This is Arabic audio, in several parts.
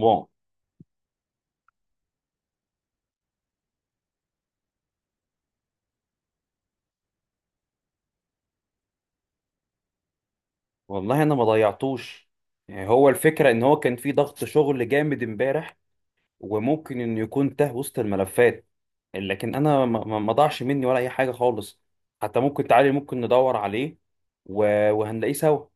واو، والله انا ما ضيعتوش. يعني هو الفكره ان هو كان في ضغط شغل جامد امبارح، وممكن انه يكون تاه وسط الملفات. لكن انا ما ضاعش مني ولا اي حاجه خالص. حتى ممكن تعالي، ممكن ندور عليه وهنلاقيه سوا.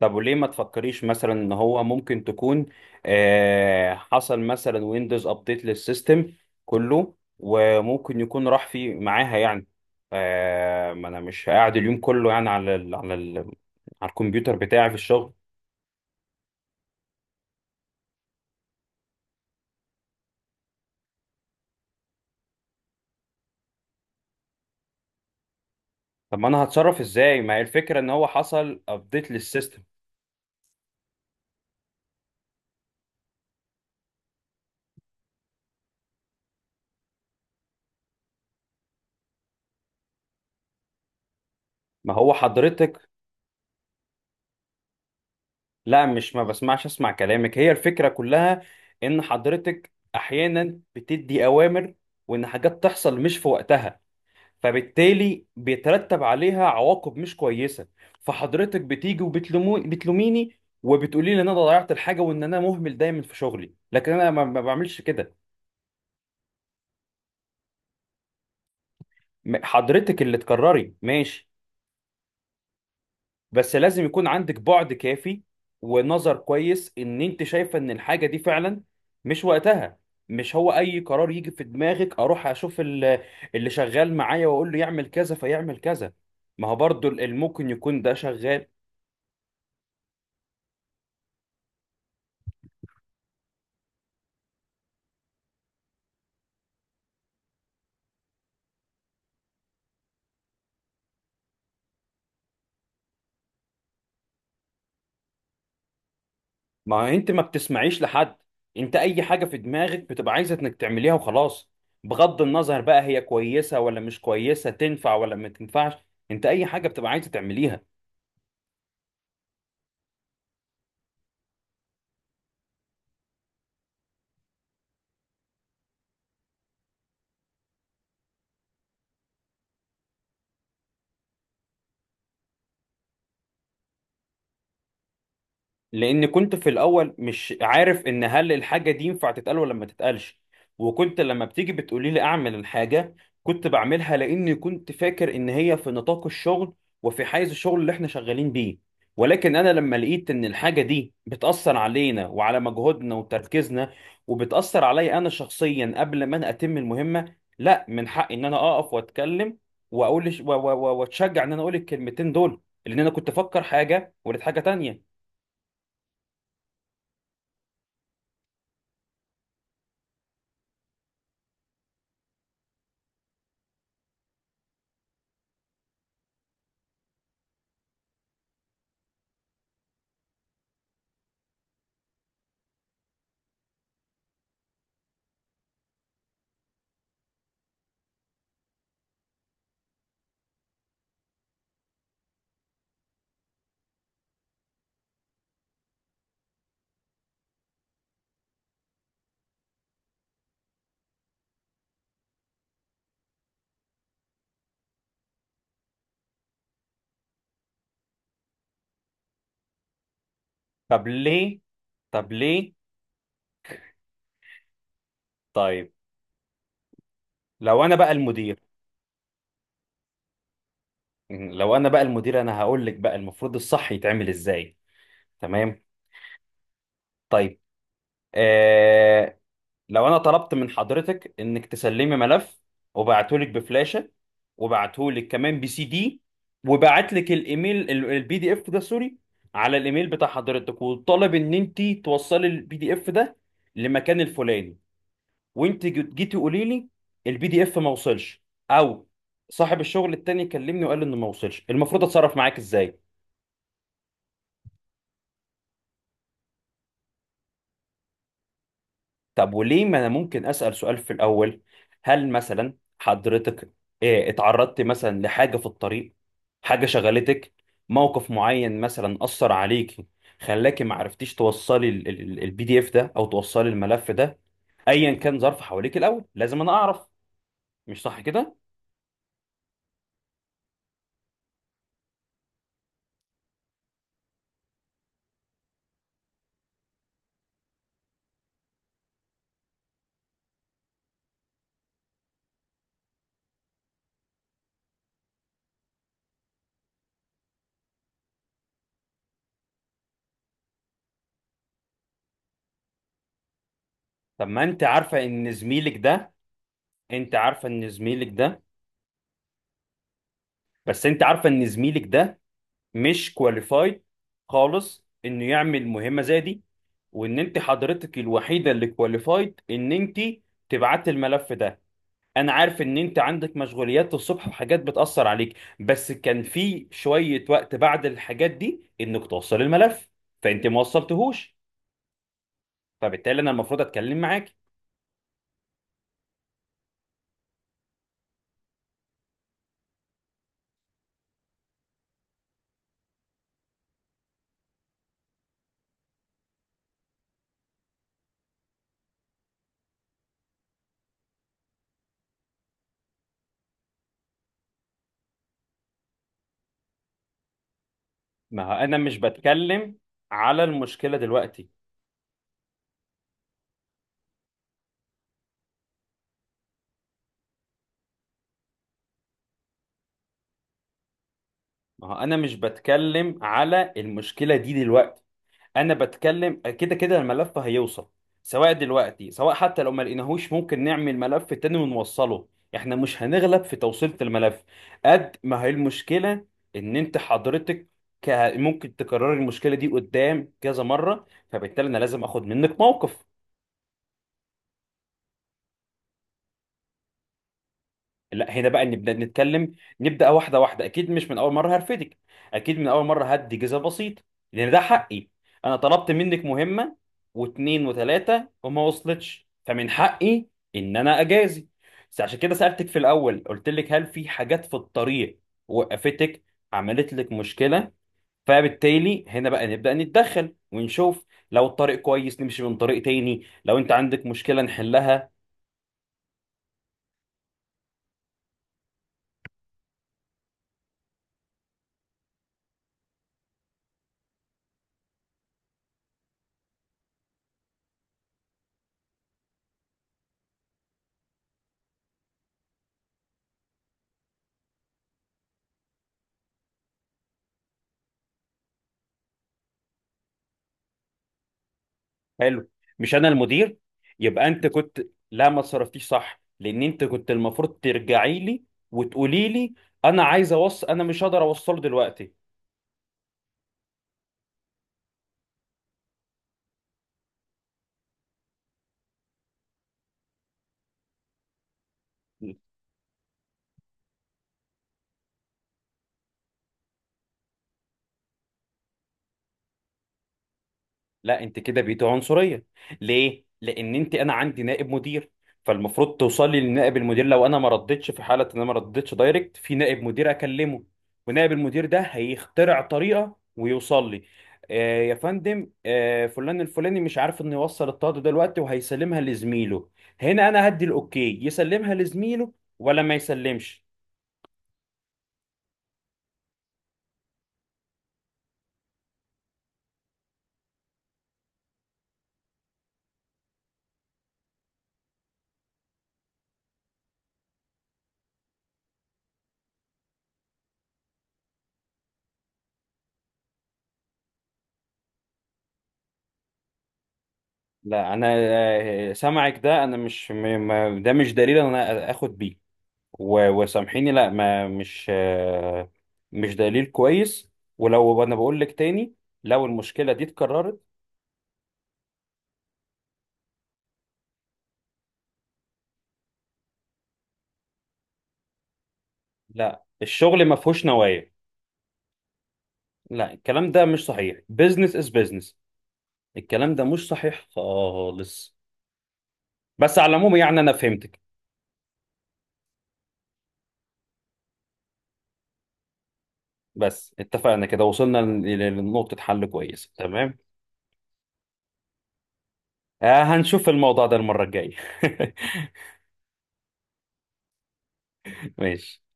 طب وليه ما تفكريش مثلا ان هو ممكن تكون حصل مثلا ويندوز ابديت للسيستم كله، وممكن يكون راح في معاها يعني. ما انا مش قاعد اليوم كله يعني على ال على ال على الكمبيوتر بتاعي في الشغل. طب ما انا هتصرف ازاي؟ ما هي الفكرة ان هو حصل ابديت للسيستم. ما هو حضرتك، لا مش ما بسمعش، اسمع كلامك. هي الفكرة كلها ان حضرتك احيانا بتدي اوامر، وان حاجات تحصل مش في وقتها، فبالتالي بيترتب عليها عواقب مش كويسه. فحضرتك بتيجي وبتلومو، بتلوميني وبتقولي لي ان انا ضيعت الحاجه وان انا مهمل دايما في شغلي، لكن انا ما بعملش كده. حضرتك اللي تكرري ماشي، بس لازم يكون عندك بعد كافي ونظر كويس ان انت شايفه ان الحاجه دي فعلا مش وقتها. مش هو اي قرار يجي في دماغك اروح اشوف اللي شغال معايا واقول له يعمل كذا فيعمل كذا. ما هو برضو ممكن يكون ده شغال. ما انت ما بتسمعيش لحد. انت اي حاجة في دماغك بتبقى عايزة انك تعمليها وخلاص، بغض النظر بقى هي كويسة ولا مش كويسة، تنفع ولا ما تنفعش. انت اي حاجة بتبقى عايزة تعمليها. لان كنت في الاول مش عارف ان هل الحاجه دي ينفع تتقال ولا ما تتقالش. وكنت لما بتيجي بتقولي لي اعمل الحاجه، كنت بعملها لاني كنت فاكر ان هي في نطاق الشغل وفي حيز الشغل اللي احنا شغالين بيه. ولكن انا لما لقيت ان الحاجه دي بتاثر علينا وعلى مجهودنا وتركيزنا، وبتاثر عليا انا شخصيا، قبل ما انا اتم المهمه، لا من حقي ان انا اقف واتكلم واقول واتشجع ان انا اقول الكلمتين دول، لان انا كنت افكر حاجه ولقيت حاجه تانية. طب ليه؟ طب ليه؟ طيب، لو انا بقى المدير، انا هقول لك بقى المفروض الصح يتعمل ازاي. تمام. طيب. آه... لو انا طلبت من حضرتك انك تسلمي ملف، وبعته لك بفلاشة، وبعته لك كمان بي سي دي، وبعت لك الايميل البي دي اف ده، سوري، على الايميل بتاع حضرتك، وطالب ان انت توصلي البي دي اف ده لمكان الفلاني، وانت جيتي قولي لي البي دي اف ما وصلش. او صاحب الشغل التاني كلمني وقال لي انه ما وصلش، المفروض اتصرف معاك ازاي؟ طب وليه، ما انا ممكن اسال سؤال في الاول. هل مثلا حضرتك اتعرضت مثلا لحاجه في الطريق، حاجه شغلتك، موقف معين مثلا اثر عليكي، خلاكي ما عرفتيش توصلي البي دي اف ده او توصلي الملف ده؟ ايا كان ظرف حواليك، الاول لازم انا اعرف. مش صح كده؟ طب ما انت عارفه ان زميلك ده، انت عارفه ان زميلك ده، بس انت عارفه ان زميلك ده مش كواليفايد خالص انه يعمل مهمه زي دي. وان انت حضرتك الوحيده اللي كواليفايد ان انت تبعت الملف ده. انا عارف ان انت عندك مشغوليات الصبح وحاجات بتاثر عليك، بس كان في شويه وقت بعد الحاجات دي انك توصل الملف. فانت ما وصلتهوش، فبالتالي انا المفروض اتكلم معاك. ما هو انا مش بتكلم على المشكله دلوقتي. ما هو انا مش بتكلم على المشكله دي دلوقتي انا بتكلم، كده كده الملف هيوصل، سواء دلوقتي سواء حتى لو ما لقيناهوش، ممكن نعمل ملف تاني ونوصله. احنا مش هنغلب في توصيله الملف، قد ما هي المشكله ان انت حضرتك ك... ممكن تكرر المشكله دي قدام كذا مره. فبالتالي انا لازم اخد منك موقف. لا هنا بقى نبدا نتكلم، نبدا واحده واحده، اكيد مش من اول مره هرفدك، اكيد من اول مره هدي جزء بسيط، لان ده حقي. انا طلبت منك مهمه، واتنين وتلاته، وما وصلتش، فمن حقي ان انا اجازي. بس عشان كده سالتك في الاول قلت لك هل في حاجات في الطريق وقفتك، عملت لك مشكله؟ فبالتالي هنا بقى نبدا نتدخل ونشوف. لو الطريق كويس نمشي من طريق تاني، لو انت عندك مشكله نحلها. حلو، مش انا المدير؟ يبقى انت كنت، لا ما تصرفتيش صح، لان انت كنت المفروض ترجعي لي وتقولي لي انا عايز اوصل، انا مش هقدر اوصله دلوقتي. لا انت كده بقيتي عنصريه. ليه؟ لان انت، انا عندي نائب مدير، فالمفروض توصلي لنائب المدير لو انا ما ردتش. في حاله ان انا ما ردتش دايركت، في نائب مدير اكلمه، ونائب المدير ده هيخترع طريقه ويوصل لي. آه يا فندم، آه فلان الفلاني مش عارف انه يوصل الطاقه دلوقتي وهيسلمها لزميله، هنا انا هدي الاوكي يسلمها لزميله ولا ما يسلمش. لا انا سمعك ده، انا مش ده مش دليل إن انا اخد بيه. وسامحيني، لا ما مش مش دليل كويس. ولو انا بقول لك تاني، لو المشكله دي اتكررت. لا الشغل ما فيهوش نوايا. لا الكلام ده مش صحيح، بيزنس از بيزنس. الكلام ده مش صحيح خالص. بس على العموم يعني انا فهمتك. بس اتفقنا كده، وصلنا لنقطه حل كويسه، تمام. آه، هنشوف الموضوع ده المره الجايه. ماشي